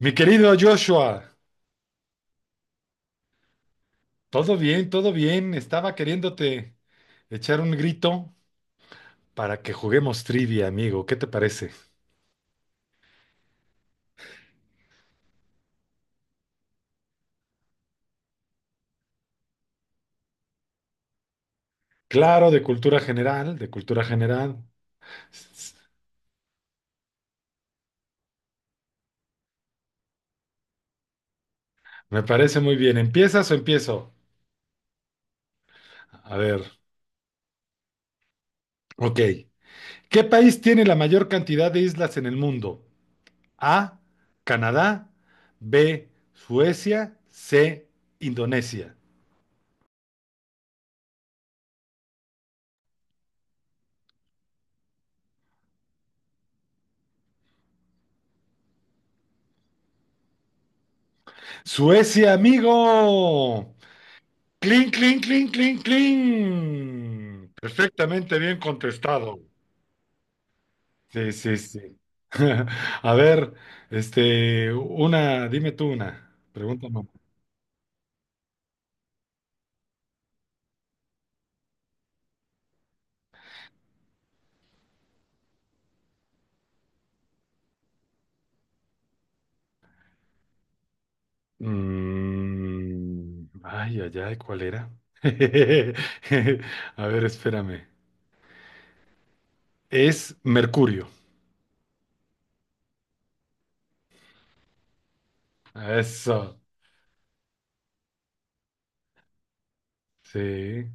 Mi querido Joshua, todo bien, todo bien. Estaba queriéndote echar un grito para que juguemos trivia, amigo. ¿Qué te parece? Claro, de cultura general, de cultura general. S- Me parece muy bien. ¿Empiezas o empiezo? A ver, ok. ¿Qué país tiene la mayor cantidad de islas en el mundo? A, Canadá, B, Suecia, C, Indonesia. Suecia, amigo. Clean, clean, clean, clean, clean. Perfectamente bien contestado. Sí, sí, sí. A ver, dime tú una. Pregúntame. Mm, ay, ay, ay, ¿cuál era? A ver, espérame. Es Mercurio. Eso. Sí.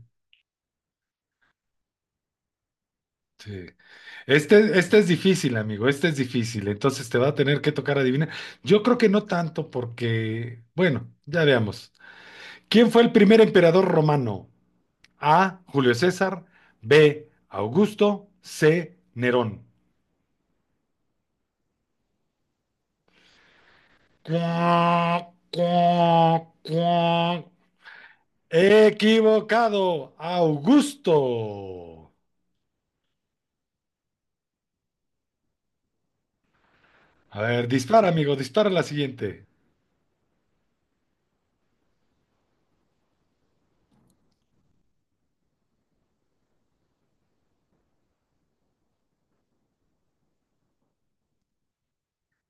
Sí. Este es difícil, amigo, este es difícil, entonces te va a tener que tocar adivinar. Yo creo que no tanto porque, bueno, ya veamos. ¿Quién fue el primer emperador romano? A, Julio César, B, Augusto, C, Nerón. Cuac, cuac, cuac. Equivocado, Augusto. A ver, dispara, amigo, dispara la siguiente.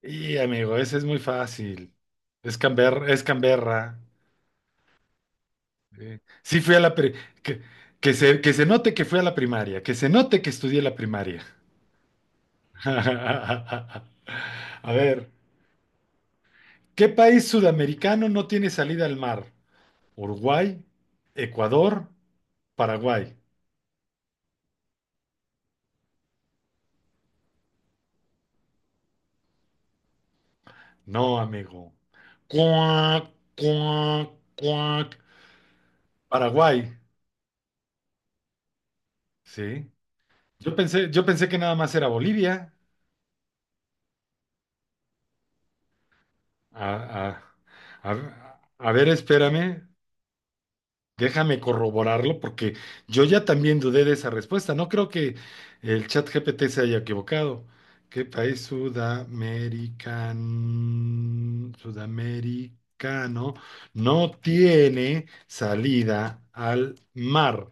Y, amigo, ese es muy fácil. Es Canberra. Sí, Sí fui a la pri- que, que se note que fui a la primaria, que se note que estudié la primaria. A ver, ¿qué país sudamericano no tiene salida al mar? ¿Uruguay, Ecuador, Paraguay? No, amigo. Cuac, cuac, cuac. Paraguay, sí. Yo pensé que nada más era Bolivia. A, a- a ver, espérame. Déjame corroborarlo porque yo ya también dudé de esa respuesta. No creo que el chat GPT se haya equivocado. ¿Qué país sudamericano no tiene salida al mar?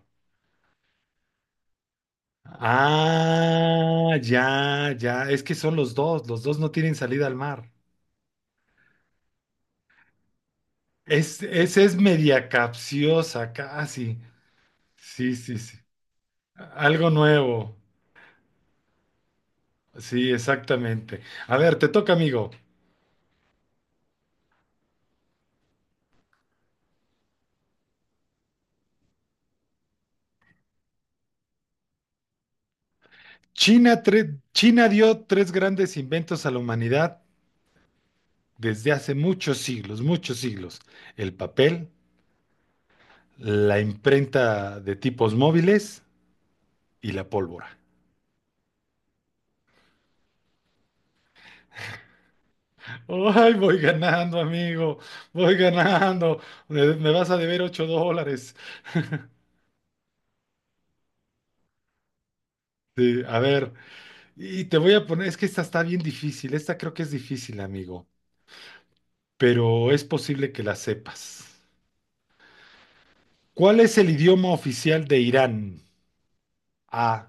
Ah, ya, ya. Es que son los dos. Los dos no tienen salida al mar. Esa es media capciosa, casi. Sí, sí, sí. Algo nuevo. Sí, exactamente. A ver, te toca, amigo. China dio tres grandes inventos a la humanidad desde hace muchos siglos, muchos siglos. El papel, la imprenta de tipos móviles y la pólvora. Ay, voy ganando, amigo. Voy ganando. Me vas a deber $8. Sí, a ver, y te voy a poner, es que esta está bien difícil. Esta creo que es difícil, amigo, pero es posible que la sepas. ¿Cuál es el idioma oficial de Irán? A.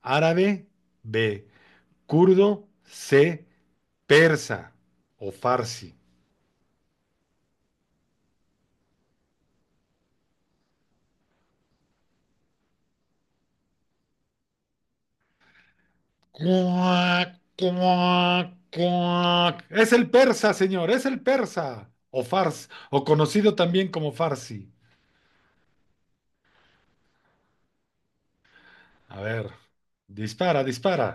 Árabe. B. Kurdo. C. Persa o farsi. Cuac, cuac, cuac. Es el persa, señor, es el persa. O conocido también como farsi. A ver, dispara, dispara.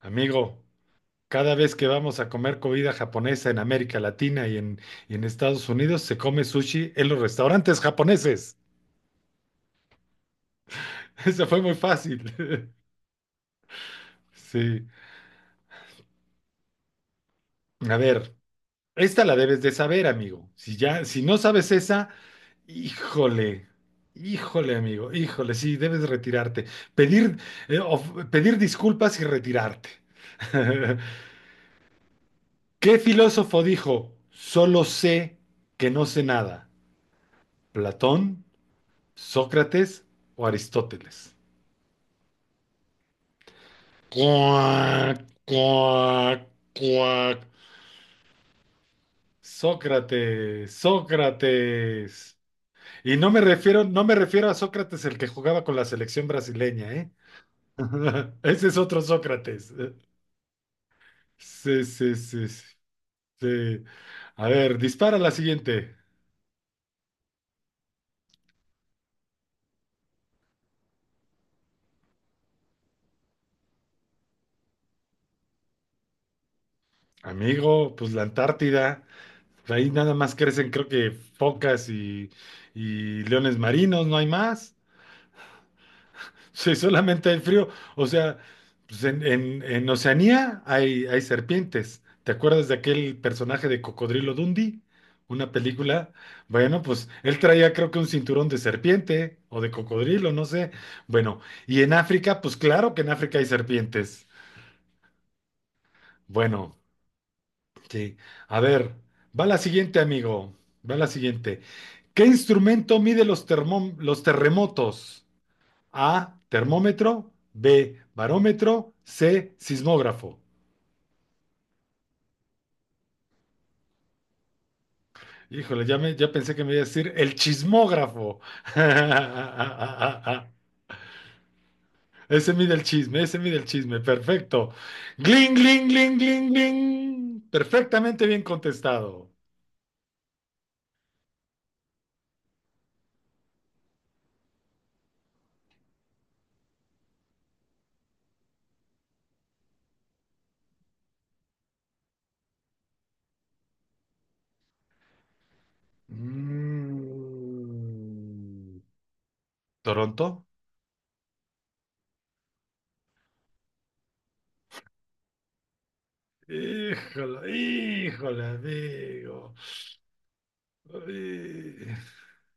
Amigo, cada vez que vamos a comer comida japonesa en América Latina y en Estados Unidos, se come sushi en los restaurantes japoneses. Esa fue muy fácil. Sí. A ver, esta la debes de saber, amigo. Si ya, si no sabes esa, híjole. Híjole, amigo, híjole, sí, debes retirarte. Pedir, Pedir disculpas y retirarte. ¿Qué filósofo dijo, solo sé que no sé nada? ¿Platón, Sócrates o Aristóteles? Cuac, cuac, cuac. Sócrates, Sócrates. Y no me refiero a Sócrates el que jugaba con la selección brasileña, ¿eh? Ese es otro Sócrates. Sí, sí, sí, sí. sí. A ver, dispara la siguiente. Amigo, pues la Antártida. Ahí nada más crecen, creo que focas y leones marinos, no hay más. Sí, solamente hay frío. O sea, pues en Oceanía hay serpientes. ¿Te acuerdas de aquel personaje de Cocodrilo Dundee? Una película. Bueno, pues él traía creo que un cinturón de serpiente o de cocodrilo, no sé. Bueno, y en África, pues claro que en África hay serpientes. Bueno, sí. A ver, va la siguiente, amigo. Va la siguiente. ¿Qué instrumento mide los terremotos? A, termómetro, B, barómetro, C, sismógrafo. Híjole, ya, ya pensé que me iba a decir el chismógrafo. Ese mide el chisme, ese mide el chisme, perfecto. Gling, gling, gling, gling, gling. Perfectamente bien contestado. Mm, ¿Toronto? Híjole, híjole, amigo. Ay,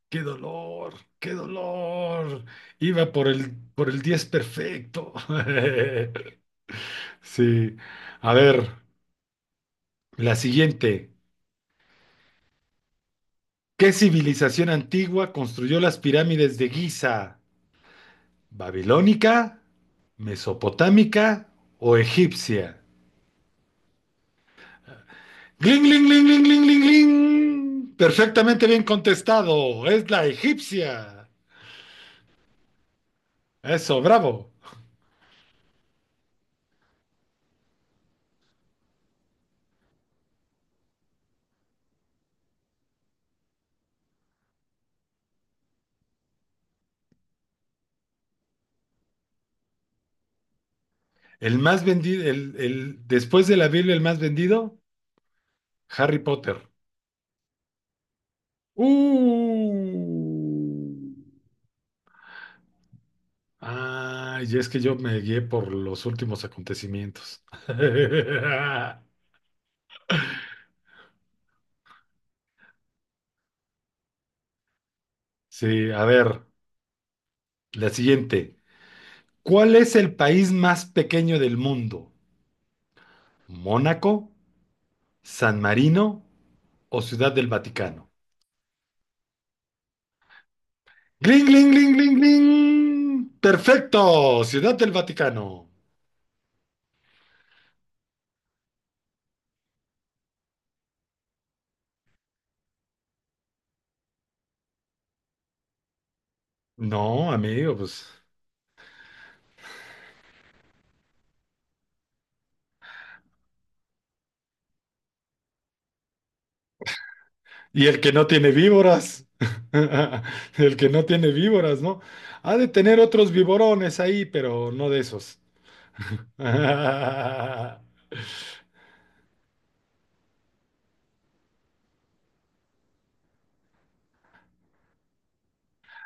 ¡Qué dolor! ¡Qué dolor! Iba por por el 10 perfecto. Sí. A ver, la siguiente. ¿Qué civilización antigua construyó las pirámides de Giza? ¿Babilónica? ¿Mesopotámica o egipcia? ¡Gling, gling, gling, gling, gling, gling, gling! Perfectamente bien contestado. Es la egipcia. Eso, bravo. El más vendido, después de la Biblia, el más vendido, Harry Potter. Uh. Ay, y es que yo me guié por los últimos acontecimientos. Sí, a ver, la siguiente. ¿Cuál es el país más pequeño del mundo? ¿Mónaco, San Marino o Ciudad del Vaticano? ¡Gling, gling, gling, gling, gling! ¡Perfecto! Ciudad del Vaticano. No, amigo, pues. Y el que no tiene víboras, el que no tiene víboras, ¿no? Ha de tener otros viborones ahí, pero no de esos.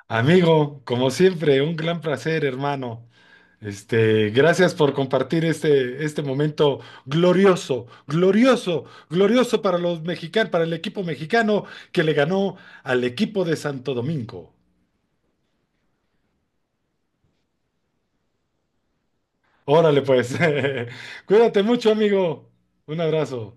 Amigo, como siempre, un gran placer, hermano. Gracias por compartir este momento glorioso, glorioso, glorioso para los mexicanos, para el equipo mexicano que le ganó al equipo de Santo Domingo. Órale, pues. Cuídate mucho, amigo. Un abrazo.